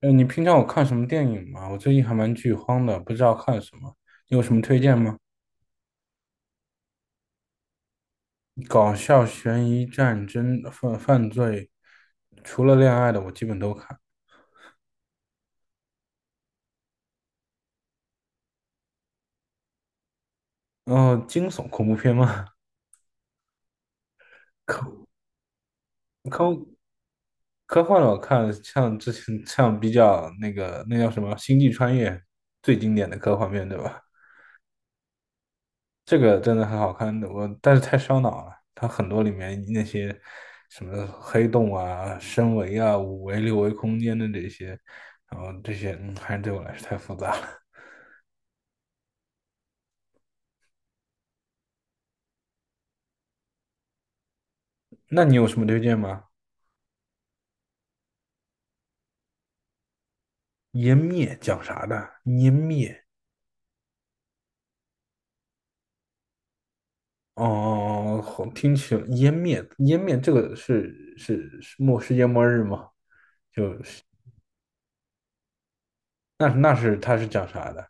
你平常有看什么电影吗？我最近还蛮剧荒的，不知道看什么，你有什么推荐吗？搞笑、悬疑、战争、犯罪，除了恋爱的我基本都看。然后惊悚、恐怖片吗？科科科幻的我看，像之前比较那个那叫什么《星际穿越》，最经典的科幻片，对吧？这个真的很好看的，我但是太烧脑了。它很多里面那些什么黑洞啊、深维啊、五维、六维空间的这些，然后这些，还是对我来说太复杂了。那你有什么推荐吗？湮灭讲啥的？湮灭哦，好，听起来湮灭这个是世界末日吗？就是那是它是讲啥的？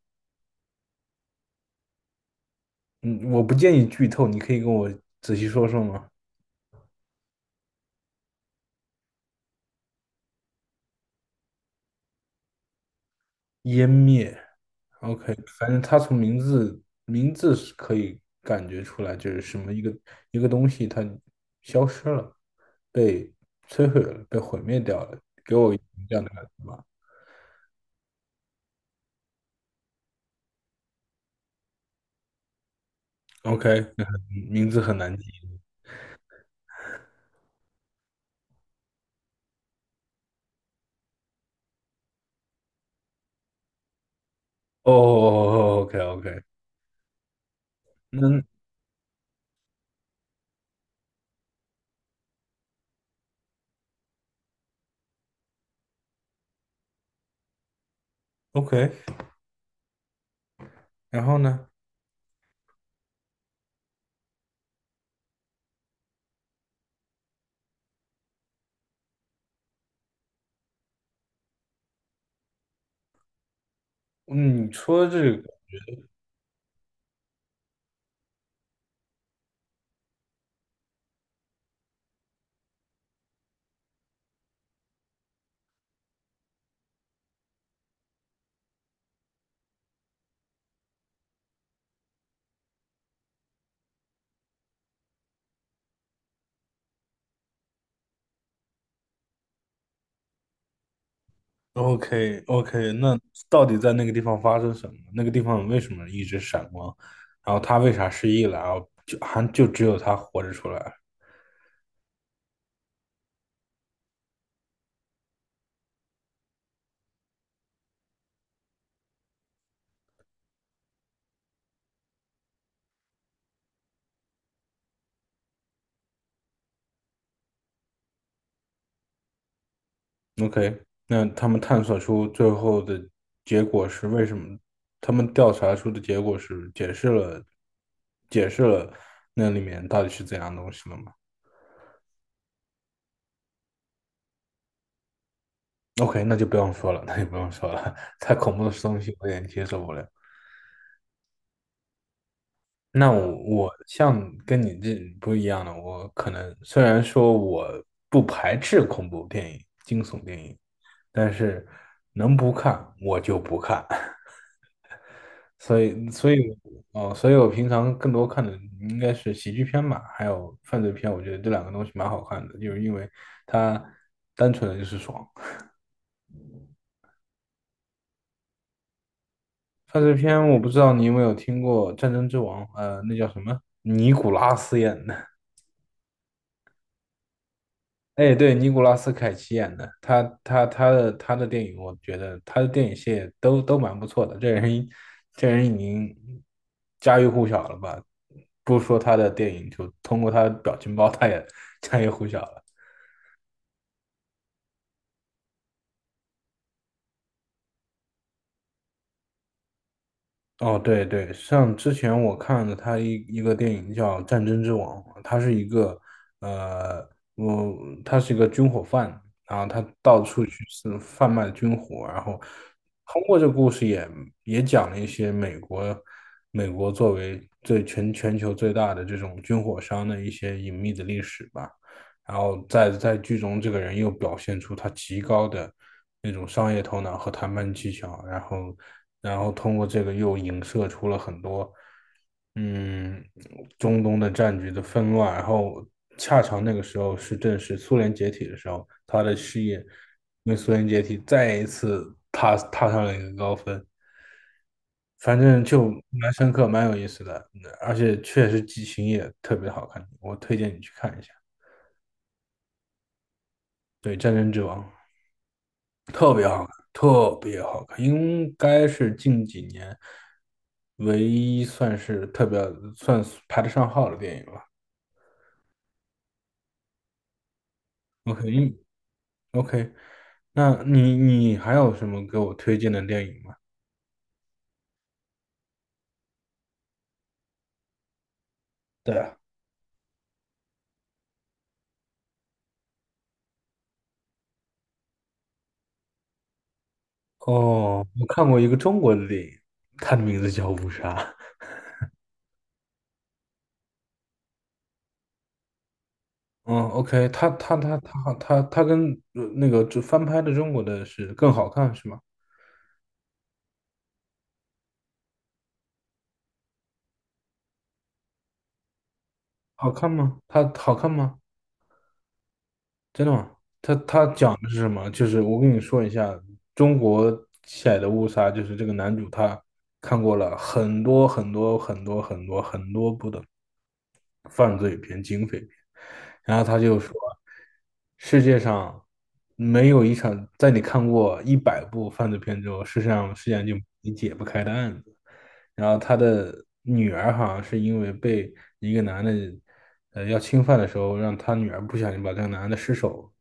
嗯，我不建议剧透，你可以跟我仔细说说吗？湮灭，OK，反正他从名字是可以感觉出来，就是什么一个东西它消失了，被摧毁了，被毁灭掉了，给我这样的感觉吧。OK，名字很难记。哦，OK OK，那 OK，然后呢？嗯你说这个。o k o k 那到底在那个地方发生什么？那个地方为什么一直闪光？然后他为啥失忆了？然后就只有他活着出来。OK，那他们探索出最后的结果是为什么？他们调查出的结果是解释了那里面到底是怎样东西了吗？OK，那就不用说了，那就不用说了，太恐怖的东西我有点接受不了。那我像跟你这不一样的，我可能虽然说我不排斥恐怖电影、惊悚电影，但是能不看我就不看，所以所以哦，所以我平常更多看的应该是喜剧片吧，还有犯罪片，我觉得这两个东西蛮好看的，就是因为它单纯的就是爽。犯罪片我不知道你有没有听过《战争之王》，那叫什么？尼古拉斯演的。哎，对，尼古拉斯凯奇演的，他的电影，我觉得他的电影系列都蛮不错的。这人已经家喻户晓了吧？不说他的电影，就通过他的表情包，他也 家喻户晓了。哦，对对，像之前我看的他一个电影叫《战争之王》，他是一个呃，我他是一个军火贩，然后他到处去是贩卖军火，然后通过这个故事也讲了一些美国作为全球最大的这种军火商的一些隐秘的历史吧。然后在剧中，这个人又表现出他极高的那种商业头脑和谈判技巧，然后通过这个又影射出了很多，嗯，中东的战局的纷乱。然后恰巧那个时候正是苏联解体的时候，他的事业因为苏联解体再一次踏上了一个高峰。反正就蛮深刻，蛮有意思的，而且确实剧情也特别好看，我推荐你去看一下。对，《战争之王》。特别好看，特别好看，应该是近几年唯一算是特别排得上号的电影了。OK，嗯，OK，那你还有什么给我推荐的电影吗？对啊，哦，我看过一个中国的电影，它的名字叫《误杀》。嗯，OK，它跟那个就翻拍的中国的是更好看是吗？好看吗？它好看吗？真的吗？他讲的是什么？就是我跟你说一下，中国起来的误杀，就是这个男主他看过了很多很多很多很多很多部的犯罪片、警匪片，然后他就说，世界上没有一场在你看过100部犯罪片之后，世界上就你解不开的案子。然后他的女儿好像是因为被一个男的，要侵犯的时候，让他女儿不小心把这个男的失手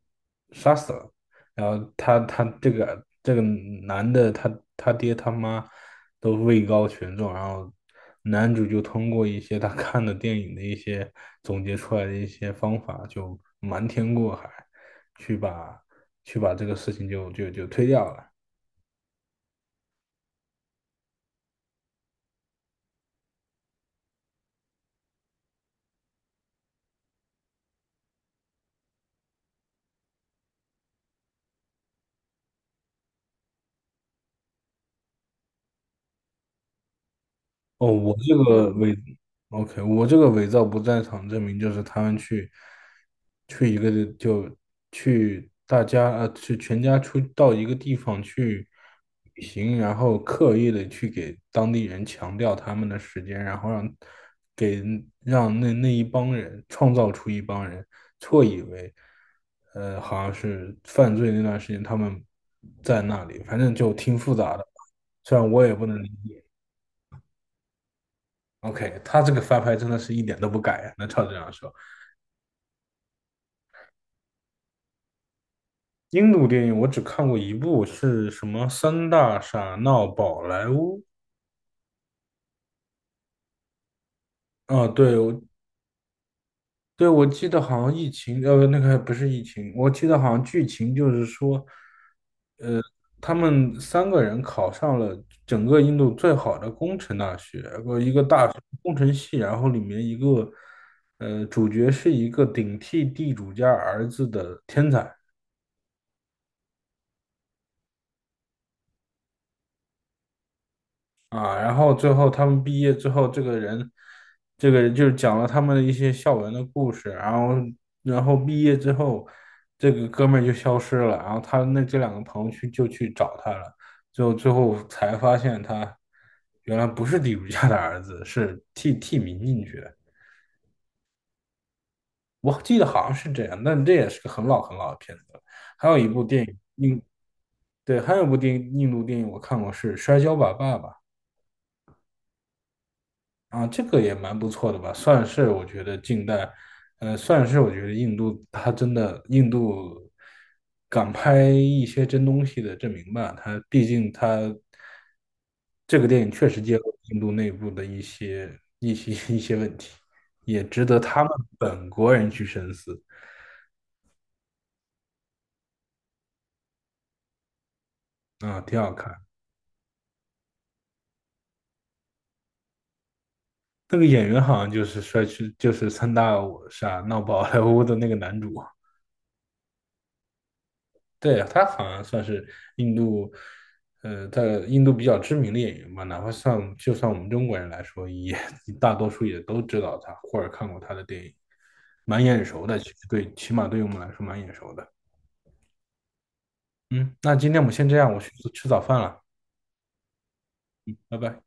杀死了。然后他他这个男的他爹他妈都位高权重，然后男主就通过一些他看的电影的一些总结出来的一些方法，就瞒天过海，去把去把这个事情就推掉了。哦，我这个位。伪 OK，我这个伪造不在场证明就是他们去一个地就去大家去全家出到一个地方去旅行，然后刻意的去给当地人强调他们的时间，然后给让那一帮人创造出一帮人错以为好像是犯罪那段时间他们在那里，反正就挺复杂的，虽然我也不能理解。OK，他这个翻拍真的是一点都不改啊，那照这样说，印度电影我只看过一部，是什么《三大傻闹宝莱坞》啊？对，我记得好像疫情，那个不是疫情，我记得好像剧情就是说，他们三个人考上了整个印度最好的工程大学，一个大工程系，然后里面一个，主角是一个顶替地主家儿子的天才。啊，然后最后他们毕业之后，这个人就是讲了他们的一些校园的故事，然后，然后毕业之后，这个哥们儿就消失了，然后这两个朋友就去找他了，最后最后才发现他原来不是地主家的儿子，是替民进去的，我记得好像是这样，但这也是个很老很老的片子了。还有一部电影印，对，还有一部电影印度电影我看过是《摔跤吧，爸爸》。啊，这个也蛮不错的吧，算是我觉得近代，算是我觉得印度它真的敢拍一些真东西的证明吧。它毕竟它这个电影确实结合印度内部的一些问题，也值得他们本国人去深思啊，挺好看。那个演员好像就是帅气，就是三大我傻闹宝莱坞的那个男主。对啊，他好像算是印度，在印度比较知名的演员吧，哪怕就算我们中国人来说，也大多数也都知道他或者看过他的电影，蛮眼熟的。其实对，起码对于我们来说蛮眼熟的。嗯，那今天我们先这样，我去吃早饭了，拜拜。